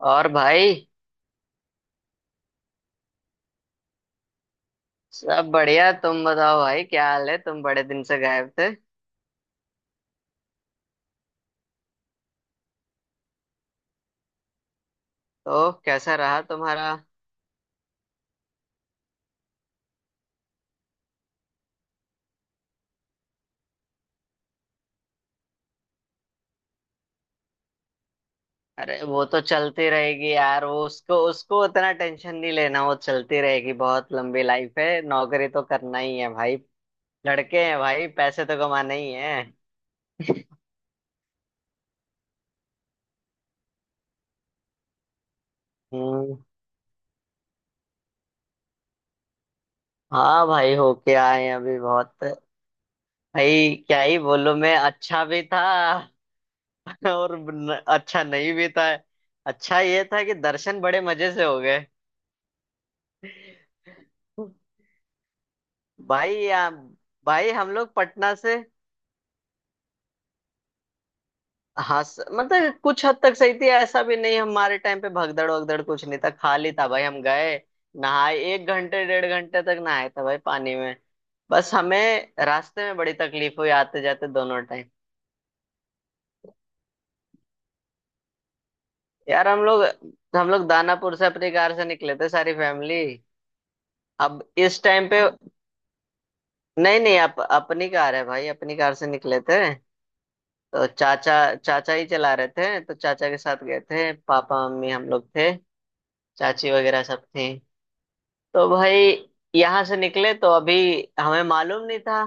और भाई सब बढ़िया। तुम बताओ भाई, क्या हाल है? तुम बड़े दिन से गायब थे। तो कैसा रहा तुम्हारा? अरे वो तो चलती रहेगी यार, वो उसको उसको उतना टेंशन नहीं लेना, वो चलती रहेगी। बहुत लंबी लाइफ है, नौकरी तो करना ही है भाई। लड़के हैं भाई, पैसे तो कमाना ही है। हम्म। हाँ भाई, होके आए हैं अभी। बहुत भाई क्या ही बोलूं मैं, अच्छा भी था और न, अच्छा नहीं भी था। अच्छा ये था कि दर्शन बड़े मजे से हो गए। भाई भाई हम लोग पटना से। हाँ मतलब कुछ हद तक सही थी, ऐसा भी नहीं। हमारे टाइम पे भगदड़ वगदड़ कुछ नहीं था, खाली था भाई। हम गए, नहाए, 1 घंटे 1.5 घंटे तक नहाए था भाई पानी में। बस हमें रास्ते में बड़ी तकलीफ हुई आते जाते दोनों टाइम। यार हम लोग दानापुर से अपनी कार से निकले थे, सारी फैमिली। अब इस टाइम पे, नहीं नहीं अपनी कार है भाई, अपनी कार से निकले थे। तो चाचा चाचा ही चला रहे थे, तो चाचा के साथ गए थे, पापा मम्मी हम लोग थे, चाची वगैरह सब थी। तो भाई यहाँ से निकले तो अभी हमें मालूम नहीं था,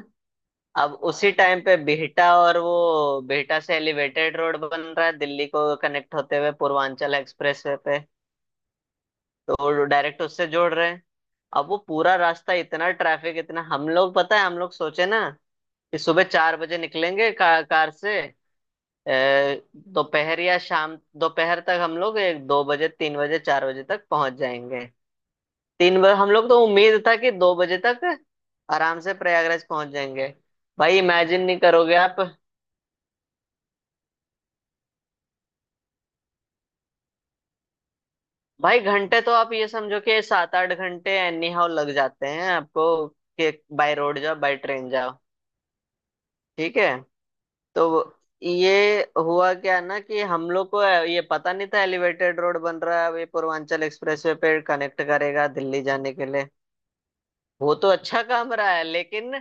अब उसी टाइम पे बिहटा, और वो बिहटा से एलिवेटेड रोड बन रहा है दिल्ली को कनेक्ट होते हुए पूर्वांचल एक्सप्रेस वे पे। तो डायरेक्ट उससे जोड़ रहे हैं। अब वो पूरा रास्ता इतना ट्रैफिक, इतना हम लोग पता है, हम लोग सोचे ना कि सुबह 4 बजे निकलेंगे कार से। अ, दोपहर या शाम, दोपहर तक हम लोग 1 2 बजे 3 बजे 4 बजे तक पहुंच जाएंगे। 3 बजे हम लोग, तो उम्मीद था कि 2 बजे तक आराम से प्रयागराज पहुंच जाएंगे। भाई इमेजिन नहीं करोगे आप। भाई घंटे तो आप ये समझो कि 7 8 घंटे एनी हाउ लग जाते हैं आपको, कि बाय रोड जाओ बाय ट्रेन जाओ। ठीक है, तो ये हुआ क्या ना, कि हम लोग को ये पता नहीं था एलिवेटेड रोड बन रहा है, अब ये पूर्वांचल एक्सप्रेसवे पे कनेक्ट करेगा दिल्ली जाने के लिए। वो तो अच्छा काम रहा है, लेकिन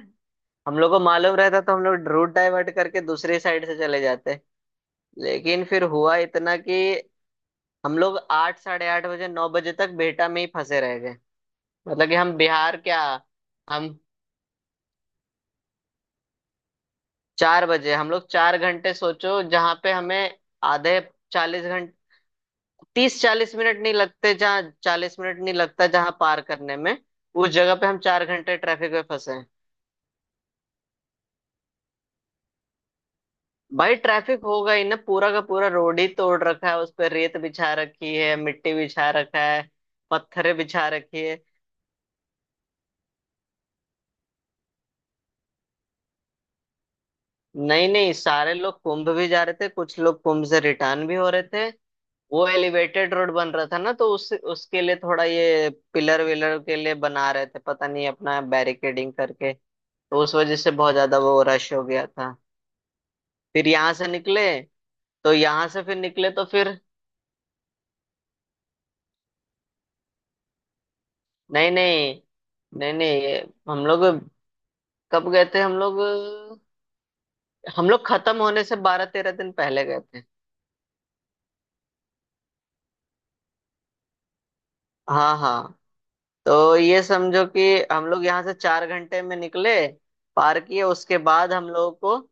हम लोग को मालूम रहता तो हम लोग रूट डाइवर्ट करके दूसरी साइड से चले जाते। लेकिन फिर हुआ इतना कि हम लोग 8 साढ़े 8 बजे 9 बजे तक बेहटा में ही फंसे रह गए। मतलब कि हम बिहार क्या, हम 4 बजे, हम लोग 4 घंटे, सोचो जहाँ पे हमें आधे 40 घंटे, 30 40 मिनट नहीं लगते जहाँ, 40 मिनट नहीं लगता जहाँ पार करने में, उस जगह पे हम 4 घंटे ट्रैफिक में फंसे। भाई ट्रैफिक होगा ही ना, पूरा का पूरा रोड ही तोड़ रखा है, उस पर रेत बिछा रखी है, मिट्टी बिछा रखा है, पत्थरे बिछा रखी है। नहीं नहीं सारे लोग कुंभ भी जा रहे थे, कुछ लोग कुंभ से रिटर्न भी हो रहे थे। वो एलिवेटेड रोड बन रहा था ना, तो उस उसके लिए थोड़ा ये पिलर विलर के लिए बना रहे थे, पता नहीं अपना बैरिकेडिंग करके। तो उस वजह से बहुत ज्यादा वो रश हो गया था। फिर यहाँ से निकले, तो यहाँ से फिर निकले तो फिर, नहीं नहीं नहीं नहीं, ये हम लोग कब गए थे, हम लोग खत्म होने से 12 13 दिन पहले गए थे। हाँ हाँ। तो ये समझो कि हम लोग यहाँ से 4 घंटे में निकले, पार किए, उसके बाद हम लोगों को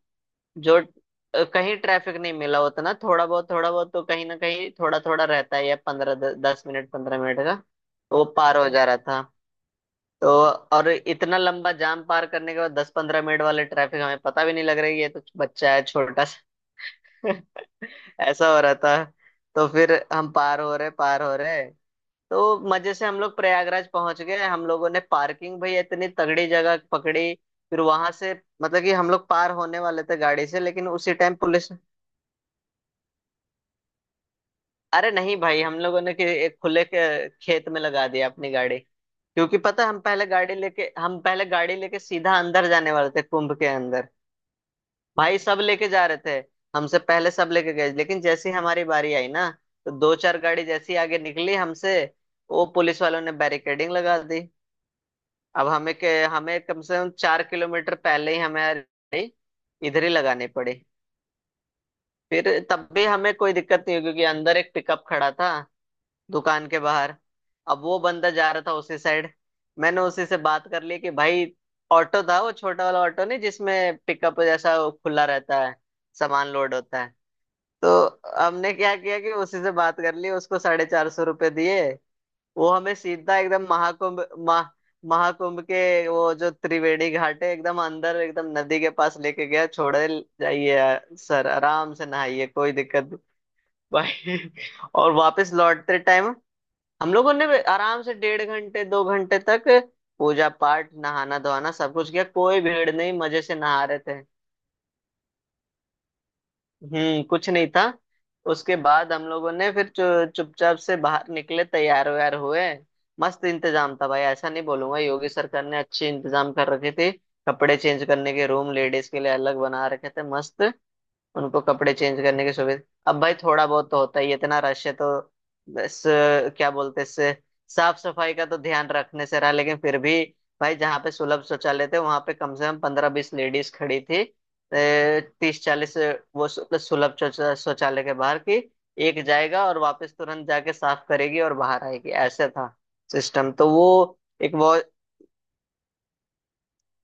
जो कहीं ट्रैफिक नहीं मिला उतना। थोड़ा बहुत तो कहीं ना कहीं थोड़ा थोड़ा रहता ही है, या पंद्रह 10 मिनट 15 मिनट का, तो वो पार हो जा रहा था। तो और इतना लंबा जाम पार करने के बाद 10 15 मिनट वाले ट्रैफिक हमें पता भी नहीं लग रही है, ये तो बच्चा है छोटा सा ऐसा हो रहा था। तो फिर हम पार हो रहे पार हो रहे, तो मजे से हम लोग प्रयागराज पहुंच गए। हम लोगों ने पार्किंग भैया इतनी तगड़ी जगह पकड़ी। फिर वहां से, मतलब कि हम लोग पार होने वाले थे गाड़ी से, लेकिन उसी टाइम पुलिस। अरे नहीं भाई, हम लोगों ने कि एक खुले के खेत में लगा दिया अपनी गाड़ी। क्योंकि पता है हम पहले गाड़ी लेके सीधा अंदर जाने वाले थे कुंभ के अंदर। भाई सब लेके जा रहे थे, हमसे पहले सब लेके गए, लेकिन जैसे ही हमारी बारी आई ना, तो दो चार गाड़ी जैसी आगे निकली हमसे, वो पुलिस वालों ने बैरिकेडिंग लगा दी। अब हमें के हमें कम से कम 4 किलोमीटर पहले ही हमें गाड़ी इधर ही लगानी पड़ी। फिर तब भी हमें कोई दिक्कत नहीं हुई, क्योंकि अंदर एक पिकअप खड़ा था दुकान के बाहर। अब वो बंदा जा रहा था उसी साइड, मैंने उसी से बात कर ली कि भाई, ऑटो था वो, छोटा वाला ऑटो नहीं, जिसमें पिकअप जैसा वो खुला रहता है, सामान लोड होता है। तो हमने क्या किया कि उसी से बात कर ली, उसको ₹450 दिए। वो हमें सीधा एकदम महाकुंभ, महा महाकुंभ के वो जो त्रिवेणी घाट है, एकदम अंदर एकदम नदी के पास लेके गया, छोड़े। जाइए यार, सर आराम से नहाइए, कोई दिक्कत नहीं। भाई, और वापस लौटते टाइम हम लोगों ने भी आराम से 1.5 घंटे 2 घंटे तक पूजा पाठ नहाना धोना सब कुछ किया, कोई भीड़ नहीं, मजे से नहा रहे थे। हम्म, कुछ नहीं था। उसके बाद हम लोगों ने फिर चुपचाप से बाहर निकले, तैयार वैयार हुए, मस्त इंतजाम था भाई, ऐसा नहीं बोलूंगा, योगी सरकार ने अच्छे इंतजाम कर रखे थे। कपड़े चेंज करने के रूम लेडीज के लिए अलग बना रखे थे मस्त, उनको कपड़े चेंज करने की सुविधा। अब भाई थोड़ा बहुत तो होता ही है, इतना रश है तो। बस क्या बोलते हैं, इससे साफ सफाई का तो ध्यान रखने से रहा, लेकिन फिर भी भाई जहाँ पे सुलभ शौचालय थे, वहां पे कम से कम 15 20 लेडीज खड़ी थी, 30 40, वो सुलभ शौचालय के बाहर की, एक जाएगा और वापस तुरंत जाके साफ करेगी और बाहर आएगी, ऐसे था सिस्टम तो वो। एक बहुत,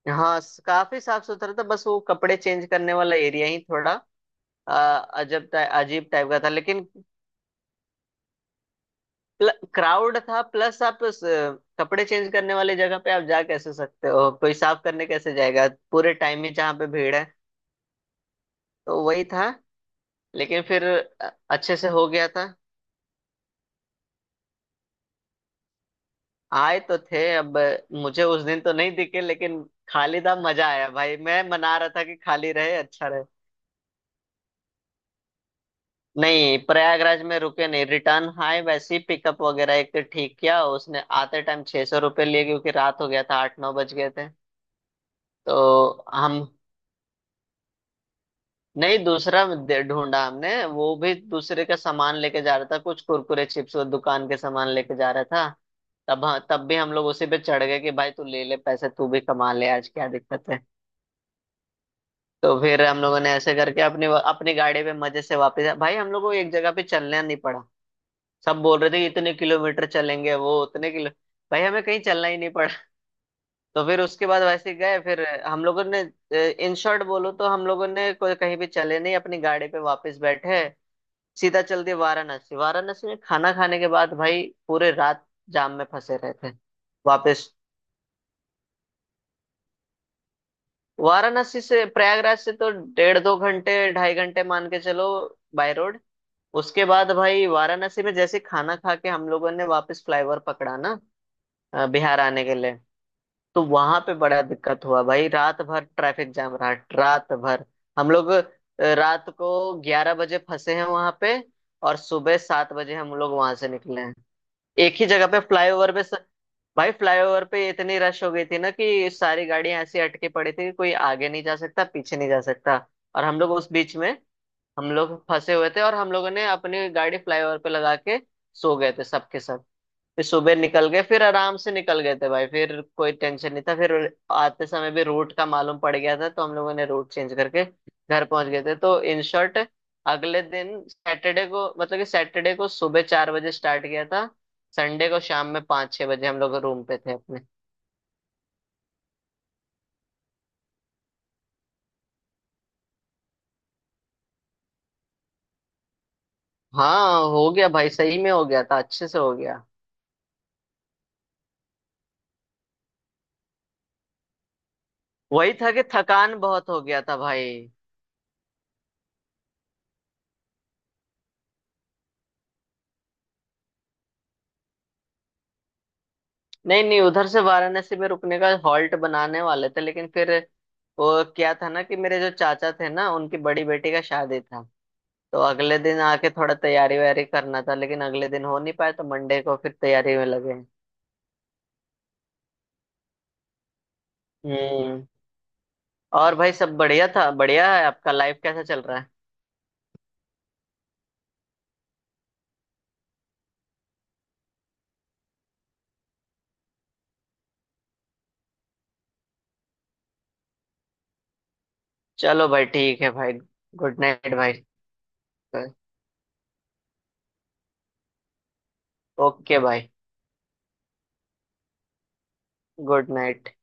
हाँ काफी साफ सुथरा था। बस वो कपड़े चेंज करने वाला एरिया ही थोड़ा अजब टाइप अजीब टाइप का था, लेकिन क्राउड था, प्लस आप कपड़े चेंज करने वाली जगह पे आप जा कैसे सकते हो, कोई साफ करने कैसे जाएगा पूरे टाइम ही जहाँ पे भीड़ है। तो वही था। लेकिन फिर अच्छे से हो गया था। आए तो थे, अब मुझे उस दिन तो नहीं दिखे, लेकिन खाली था, मजा आया भाई, मैं मना रहा था कि खाली रहे अच्छा रहे। नहीं प्रयागराज में रुके नहीं, रिटर्न आए वैसे ही, पिकअप वगैरह एक तो ठीक किया उसने, आते टाइम ₹600 लिए, क्योंकि रात हो गया था, 8 9 बज गए थे। तो हम, नहीं दूसरा ढूंढा हमने, वो भी दूसरे का सामान लेके जा रहा था, कुछ कुरकुरे चिप्स और दुकान के सामान लेके जा रहा था। तब हाँ, तब भी हम लोग उसी पे चढ़ गए कि भाई तू ले ले पैसे, तू भी कमा ले आज, क्या दिक्कत है। तो फिर हम लोगों ने ऐसे करके अपनी अपनी गाड़ी पे मजे से वापस आए। भाई हम लोग को एक जगह पे चलना नहीं पड़ा। सब बोल रहे थे कि इतने किलोमीटर चलेंगे, वो उतने किलो, भाई हमें कहीं चलना ही नहीं। तो फिर उसके बाद वैसे गए, फिर हम लोगों ने, इन शॉर्ट बोलो तो हम लोगों ने कोई कहीं भी चले नहीं, अपनी गाड़ी पे वापस बैठे सीधा चल दिए वाराणसी। वाराणसी में खाना खाने के बाद भाई पूरे रात जाम में फंसे रहे थे। वापस वाराणसी से, प्रयागराज से तो 1.5 2 घंटे 2.5 घंटे मान के चलो, बाय रोड। उसके बाद भाई वाराणसी में जैसे खाना खा के हम लोगों ने वापस फ्लाईओवर पकड़ा ना बिहार आने के लिए, तो वहां पे बड़ा दिक्कत हुआ भाई, रात भर ट्रैफिक जाम रहा, रात भर। हम लोग रात को 11 बजे फंसे हैं वहां पे, और सुबह 7 बजे हम लोग वहां से निकले हैं, एक ही जगह पे फ्लाईओवर पे भाई फ्लाईओवर पे इतनी रश हो गई थी ना कि सारी गाड़ियां ऐसी अटके पड़ी थी कि कोई आगे नहीं जा सकता पीछे नहीं जा सकता। और हम लोग उस बीच में, हम लोग फंसे हुए थे और हम लोगों ने अपनी गाड़ी फ्लाईओवर पे लगा के सो गए थे सबके सब। फिर सुबह निकल गए, फिर आराम से निकल गए थे भाई, फिर कोई टेंशन नहीं था फिर। आते समय भी रूट का मालूम पड़ गया था, तो हम लोगों ने रूट चेंज करके घर पहुंच गए थे। तो इन शॉर्ट अगले दिन सैटरडे को, मतलब कि सैटरडे को सुबह 4 बजे स्टार्ट किया था, संडे को शाम में 5 6 बजे हम लोग रूम पे थे अपने। हाँ हो गया भाई, सही में हो गया था, अच्छे से हो गया। वही था कि थकान बहुत हो गया था भाई। नहीं नहीं, उधर से वाराणसी में रुकने का हॉल्ट बनाने वाले थे, लेकिन फिर वो क्या था ना कि मेरे जो चाचा थे ना, उनकी बड़ी बेटी का शादी था, तो अगले दिन आके थोड़ा तैयारी वैयारी करना था, लेकिन अगले दिन हो नहीं पाया, तो मंडे को फिर तैयारी में लगे। हम्म। और भाई सब बढ़िया था, बढ़िया है आपका, लाइफ कैसा चल रहा है? चलो भाई ठीक है भाई, गुड नाइट भाई। ओके भाई, गुड नाइट।